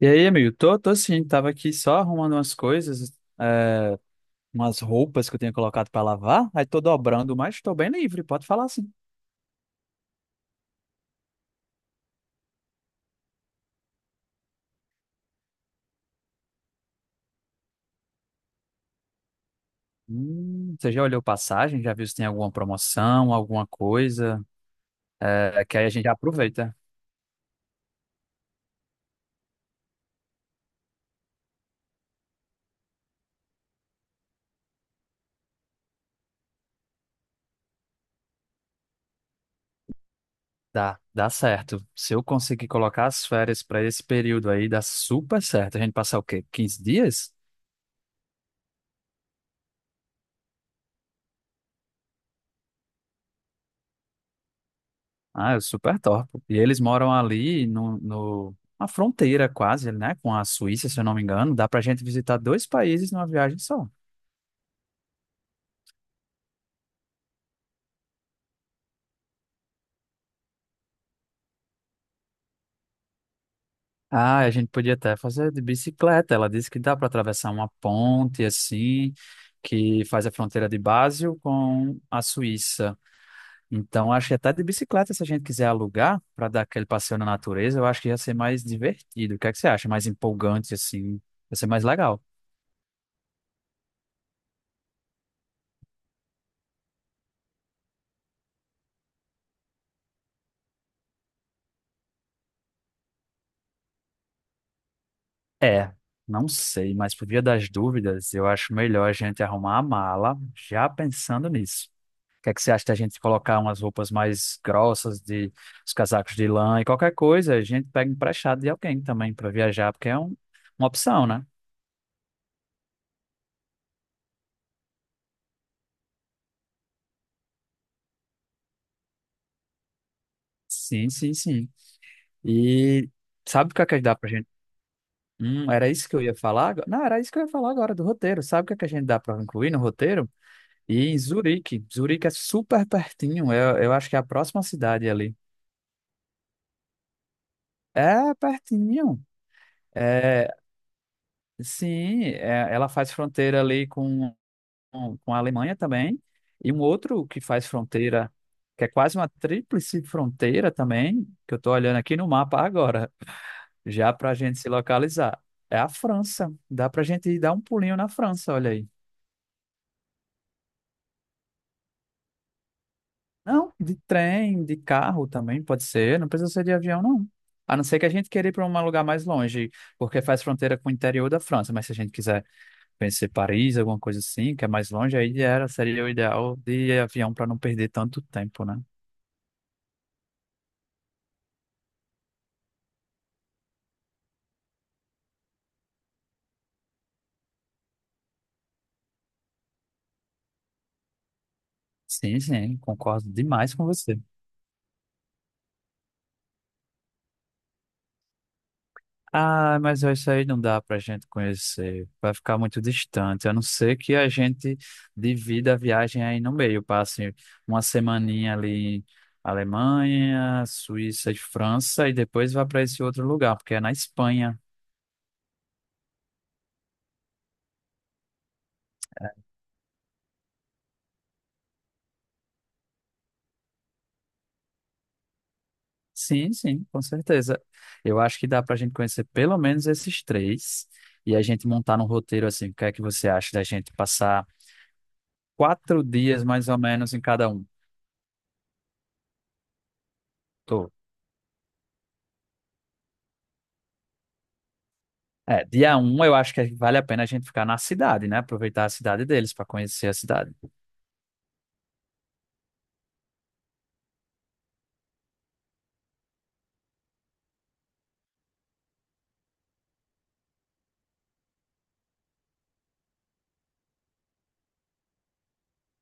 E aí, amigo? Tô sim, tava aqui só arrumando umas coisas, é, umas roupas que eu tinha colocado pra lavar, aí tô dobrando, mas tô bem livre, pode falar assim. Você já olhou passagem? Já viu se tem alguma promoção, alguma coisa? É que aí a gente já aproveita. Dá certo. Se eu conseguir colocar as férias pra esse período aí, dá super certo. A gente passar o quê? 15 dias? Ah, é super top. E eles moram ali no, no, na fronteira quase, né, com a Suíça, se eu não me engano. Dá pra gente visitar dois países numa viagem só. Ah, a gente podia até fazer de bicicleta. Ela disse que dá para atravessar uma ponte assim, que faz a fronteira de Basel com a Suíça. Então, acho que até de bicicleta, se a gente quiser alugar para dar aquele passeio na natureza, eu acho que ia ser mais divertido. O que é que você acha? Mais empolgante assim, ia ser mais legal. É, não sei, mas por via das dúvidas, eu acho melhor a gente arrumar a mala já pensando nisso. O que é que você acha da gente colocar umas roupas mais grossas, de os casacos de lã e qualquer coisa, a gente pega emprestado de alguém também para viajar, porque é uma opção, né? Sim, sim, sim. E sabe o que é que dá pra gente? Era isso que eu ia falar? Agora? Não, era isso que eu ia falar agora do roteiro. Sabe o que é que a gente dá para incluir no roteiro? E em Zurique. Zurique é super pertinho. Eu acho que é a próxima cidade ali. É pertinho. É, sim, ela faz fronteira ali com a Alemanha também. E um outro que faz fronteira, que é quase uma tríplice fronteira também, que eu estou olhando aqui no mapa agora, já para a gente se localizar, é a França. Dá para a gente ir dar um pulinho na França, olha aí. Não, de trem, de carro também pode ser, não precisa ser de avião, não. A não ser que a gente queira ir para um lugar mais longe, porque faz fronteira com o interior da França, mas se a gente quiser pensei Paris, alguma coisa assim, que é mais longe, aí seria o ideal de avião para não perder tanto tempo, né? Sim, sim, concordo demais com você. Ah, mas isso aí não dá pra gente conhecer, vai ficar muito distante, a não ser que a gente divida a viagem aí no meio, passe uma semaninha ali em Alemanha, Suíça e França, e depois vá para esse outro lugar, porque é na Espanha. Sim, sim, com certeza. Eu acho que dá para a gente conhecer pelo menos esses três e a gente montar num roteiro assim. O que é que você acha da gente passar 4 dias mais ou menos em cada um? Tô. É, dia 1 eu acho que vale a pena a gente ficar na cidade, né? Aproveitar a cidade deles para conhecer a cidade.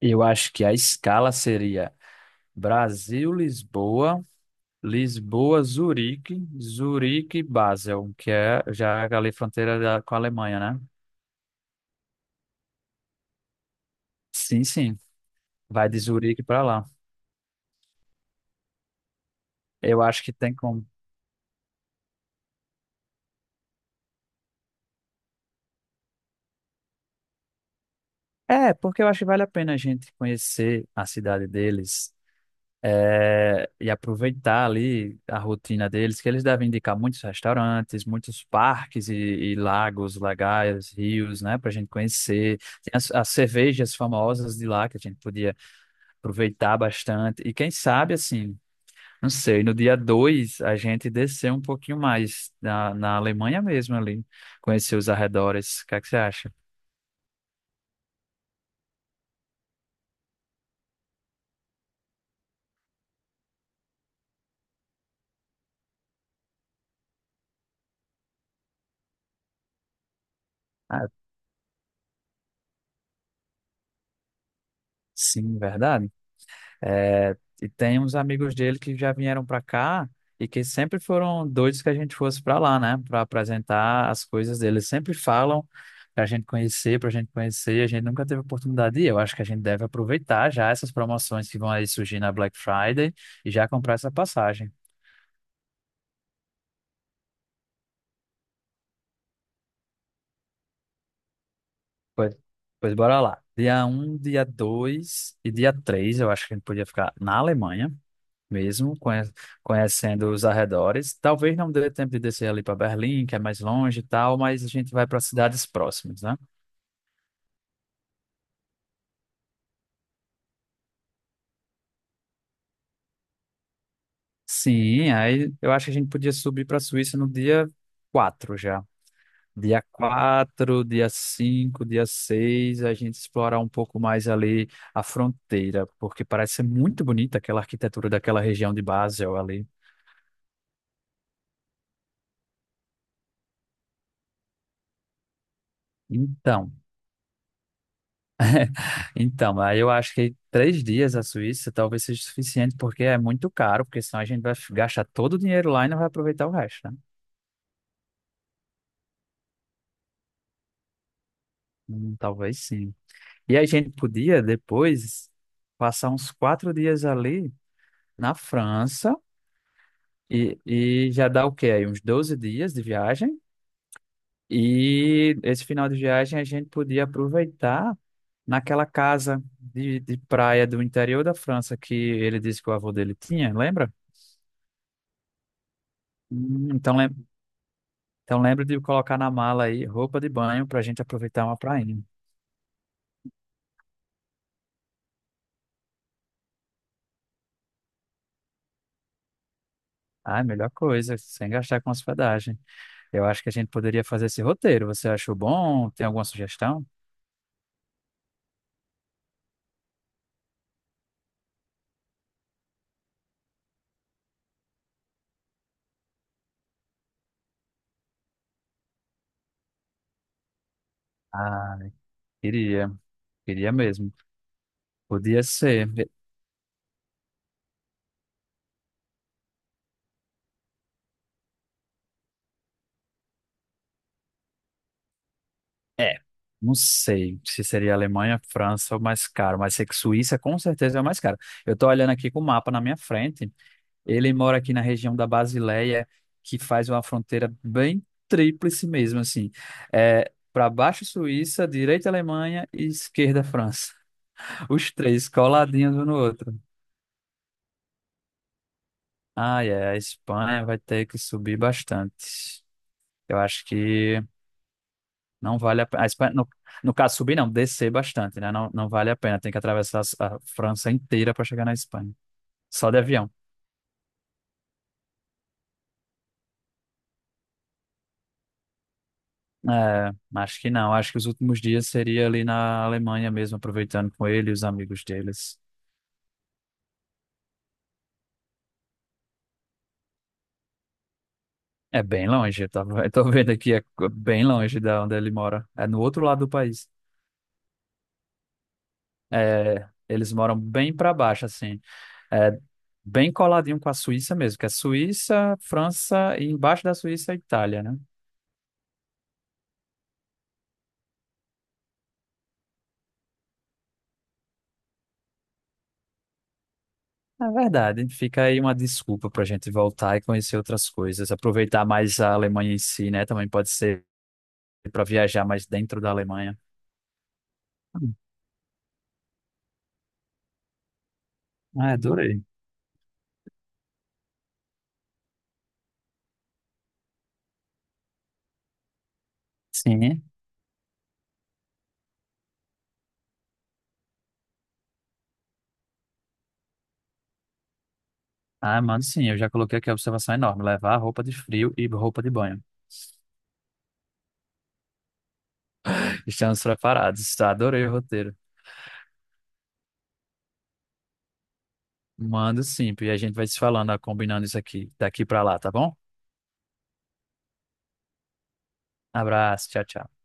Eu acho que a escala seria Brasil, Lisboa, Lisboa, Zurique, Zurique, Basel, que é já ali fronteira com a Alemanha, né? Sim, sim. Vai de Zurique para lá. Eu acho que tem como. É, porque eu acho que vale a pena a gente conhecer a cidade deles, e aproveitar ali a rotina deles, que eles devem indicar muitos restaurantes, muitos parques e lagos legais, rios, né, para a gente conhecer. Tem as cervejas famosas de lá que a gente podia aproveitar bastante. E quem sabe, assim, não sei, no dia 2 a gente descer um pouquinho mais na Alemanha mesmo ali, conhecer os arredores. O que é que você acha? Ah, sim, verdade. É, e tem uns amigos dele que já vieram para cá e que sempre foram doidos que a gente fosse para lá, né? Para apresentar as coisas deles. Sempre falam para a gente conhecer, para a gente conhecer. A gente nunca teve oportunidade de ir. Eu acho que a gente deve aproveitar já essas promoções que vão aí surgir na Black Friday e já comprar essa passagem. Pois, pois bora lá. Dia 1, dia 2 e dia 3, eu acho que a gente podia ficar na Alemanha mesmo, conhecendo os arredores. Talvez não dê tempo de descer ali para Berlim, que é mais longe e tal, mas a gente vai para cidades próximas, né? Sim, aí eu acho que a gente podia subir para a Suíça no dia 4 já. Dia 4, dia 5, dia 6, a gente explorar um pouco mais ali a fronteira, porque parece ser muito bonita aquela arquitetura daquela região de Basel ali. Então. Então, aí eu acho que 3 dias à Suíça talvez seja suficiente, porque é muito caro, porque senão a gente vai gastar todo o dinheiro lá e não vai aproveitar o resto, né? Talvez sim. E a gente podia depois passar uns 4 dias ali na França e já dá o quê? Aí uns 12 dias de viagem. E esse final de viagem a gente podia aproveitar naquela casa de praia do interior da França que ele disse que o avô dele tinha, lembra? Hum, Então, lem- Então lembra de colocar na mala aí roupa de banho para a gente aproveitar uma prainha. Ah, melhor coisa, sem gastar com hospedagem. Eu acho que a gente poderia fazer esse roteiro. Você achou bom? Tem alguma sugestão? Ah, queria, queria mesmo. Podia ser. É, não sei se seria Alemanha, França ou mais caro, mas sei que Suíça com certeza é o mais caro. Eu tô olhando aqui com o mapa na minha frente. Ele mora aqui na região da Basileia, que faz uma fronteira bem tríplice mesmo, assim. É, para baixo Suíça, direita Alemanha e esquerda França. Os três coladinhos um no outro. Ah, é, a Espanha vai ter que subir bastante. Eu acho que não vale a pena. A Espanha, no caso, subir não, descer bastante, né? Não, não vale a pena. Tem que atravessar a França inteira para chegar na Espanha. Só de avião. É, acho que não. Acho que os últimos dias seria ali na Alemanha mesmo, aproveitando com ele e os amigos deles. É bem longe, eu tô vendo aqui, é bem longe da onde ele mora. É no outro lado do país. É, eles moram bem para baixo, assim. É bem coladinho com a Suíça mesmo, que é Suíça, França e embaixo da Suíça, a Itália, né? É verdade, fica aí uma desculpa para a gente voltar e conhecer outras coisas. Aproveitar mais a Alemanha em si, né? Também pode ser para viajar mais dentro da Alemanha. Ah, adorei. Sim. Ah, mano, sim, eu já coloquei aqui a observação enorme. Levar roupa de frio e roupa de banho. Estamos preparados. Tá, adorei o roteiro. Mando sim, e a gente vai se falando, ah, combinando isso aqui, daqui pra lá, tá bom? Abraço, tchau, tchau.